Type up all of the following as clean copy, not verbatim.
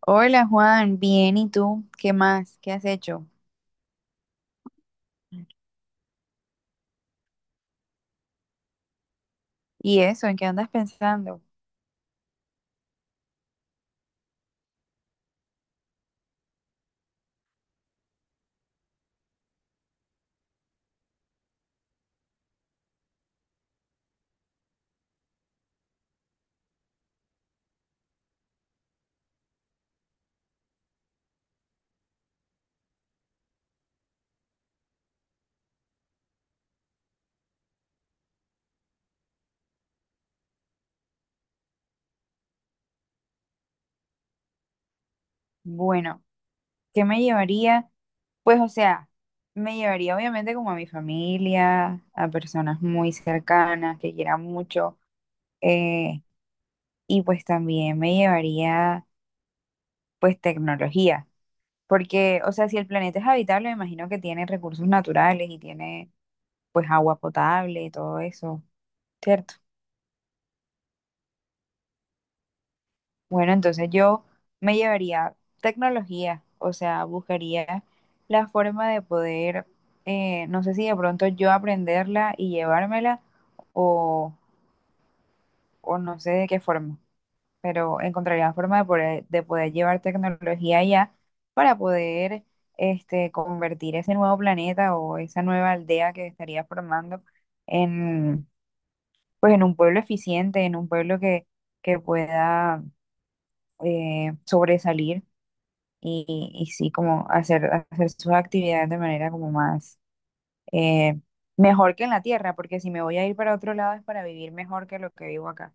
Hola Juan, bien, ¿y tú? ¿Qué más? ¿Qué has hecho? ¿Y eso? ¿En qué andas pensando? Bueno, ¿qué me llevaría? Pues o sea, me llevaría obviamente como a mi familia, a personas muy cercanas que quieran mucho, eh, y pues también me llevaría pues tecnología, porque o sea, si el planeta es habitable, me imagino que tiene recursos naturales y tiene pues agua potable y todo eso, ¿cierto? Bueno, entonces yo me llevaría tecnología, o sea, buscaría la forma de poder, no sé si de pronto yo aprenderla y llevármela o, o no sé de qué forma, pero encontraría la forma de poder, llevar tecnología allá para poder convertir ese nuevo planeta o esa nueva aldea que estaría formando en, pues, en un pueblo eficiente, en un pueblo que pueda sobresalir y sí, como hacer, sus actividades de manera como más eh, mejor que en la tierra, porque si me voy a ir para otro lado es para vivir mejor que lo que vivo acá.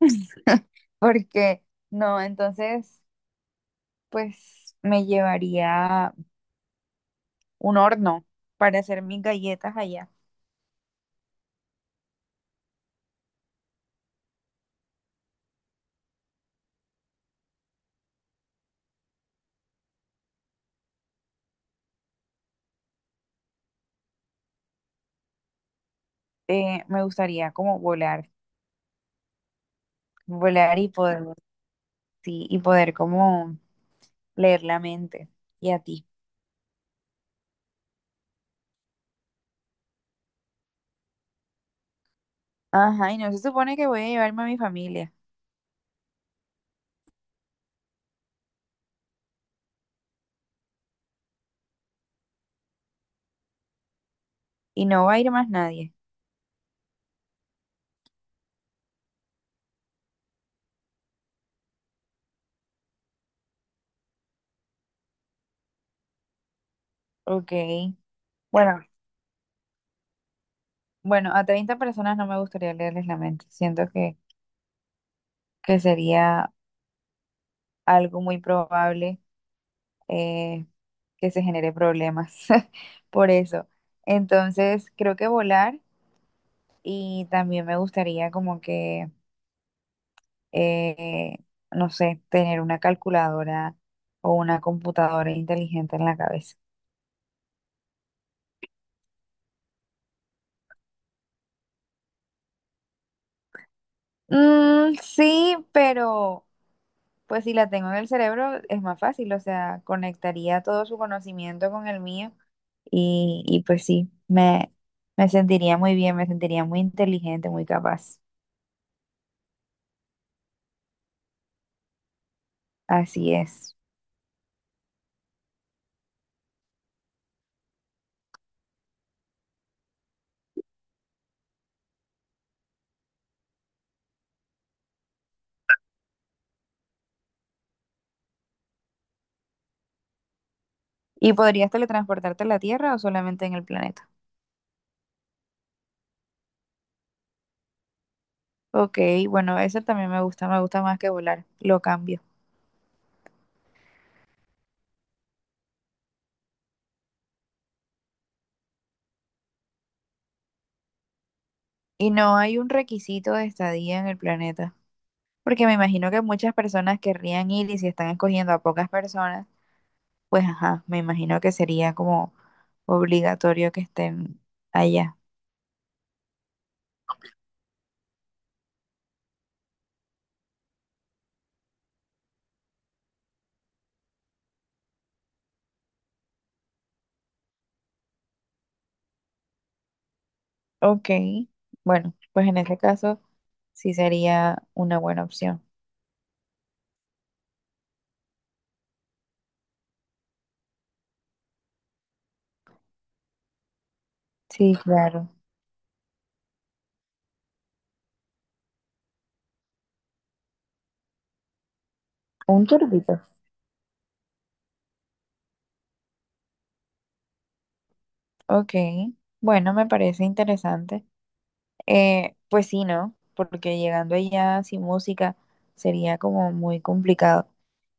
Porque no, entonces, pues me llevaría un horno para hacer mis galletas allá. Me gustaría como volar, volar y poder, sí, y poder como leer la mente. Y a ti. Ajá, y no se supone que voy a llevarme a mi familia. Y no va a ir más nadie. Ok. Bueno, Bueno, a 30 personas no me gustaría leerles la mente. Siento que sería algo muy probable eh, que se genere problemas por eso. Entonces, creo que volar y también me gustaría como que, eh, no sé, tener una calculadora o una computadora inteligente en la cabeza. Mm, sí, pero pues si la tengo en el cerebro es más fácil, o sea, conectaría todo su conocimiento con el mío. Y pues sí, me sentiría muy bien, me sentiría muy inteligente, muy capaz. Así es. ¿Y podrías teletransportarte a la Tierra o solamente en el planeta? Ok, bueno, eso también me gusta más que volar, lo cambio. Y no hay un requisito de estadía en el planeta, porque me imagino que muchas personas querrían ir y si están escogiendo a pocas personas, pues ajá, me imagino que sería como obligatorio que estén allá. Ok, bueno, pues en ese caso... Sí, sería una buena opción. Sí, claro. Un turbito. Ok. Bueno, me parece interesante. Pues sí, ¿no? Porque llegando allá sin música sería como muy complicado.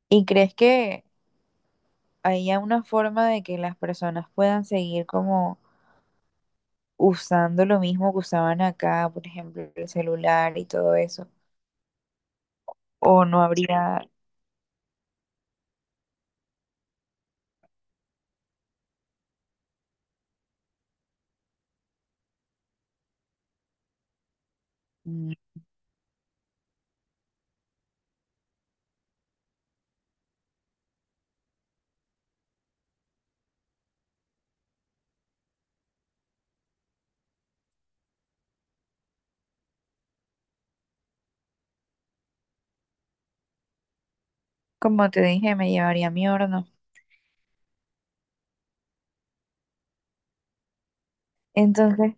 ¿Y crees que haya una forma de que las personas puedan seguir como usando lo mismo que usaban acá, por ejemplo, el celular y todo eso? ¿O no habría, mm, como te dije, me llevaría mi horno? Entonces,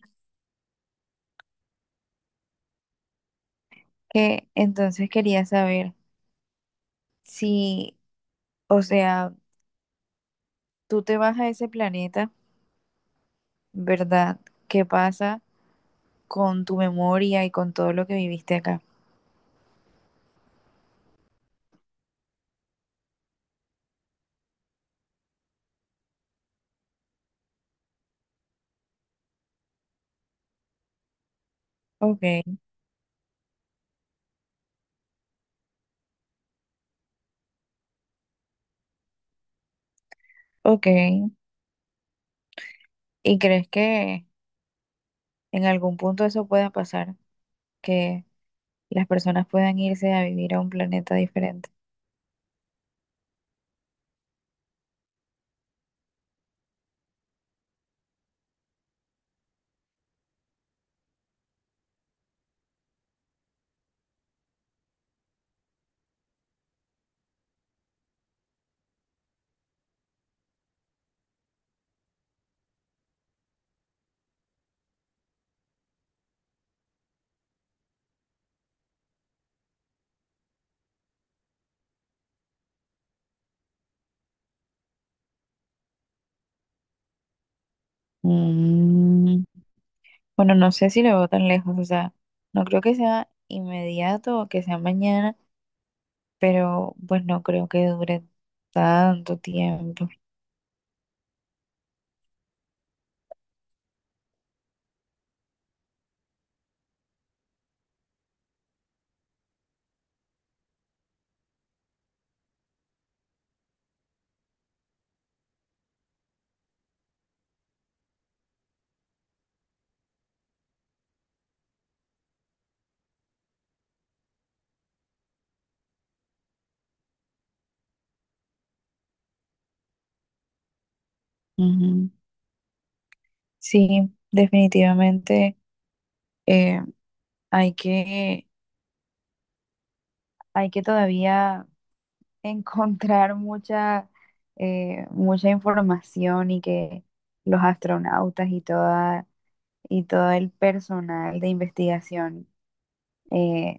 ¿qué? Entonces quería saber. Si, o sea, tú te vas a ese planeta, ¿verdad? ¿Qué pasa con tu memoria y con todo lo que viviste acá? Ok, ok. ¿Y crees que en algún punto eso pueda pasar? Que las personas puedan irse a vivir a un planeta diferente. Mm, bueno, no sé si lo veo tan lejos, o sea, no creo que sea inmediato o que sea mañana, pero pues no creo que dure tanto tiempo. Ujú. Sí, definitivamente eh, hay que, todavía encontrar mucha, información y que los astronautas y todo el personal de investigación, eh,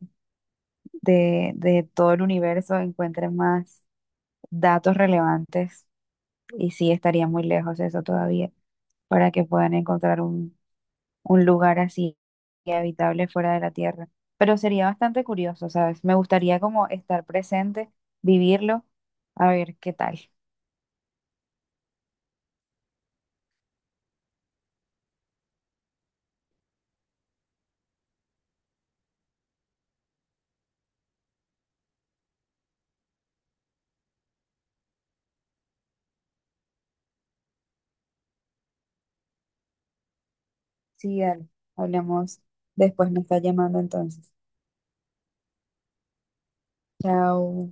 de, todo el universo encuentren más datos relevantes. Y sí, estaría muy lejos eso todavía para que puedan encontrar un lugar así habitable fuera de la Tierra. Pero sería bastante curioso, ¿sabes? Me gustaría como estar presente, vivirlo, a ver qué tal. Sí, dale, hablamos después, me está llamando entonces. Chao.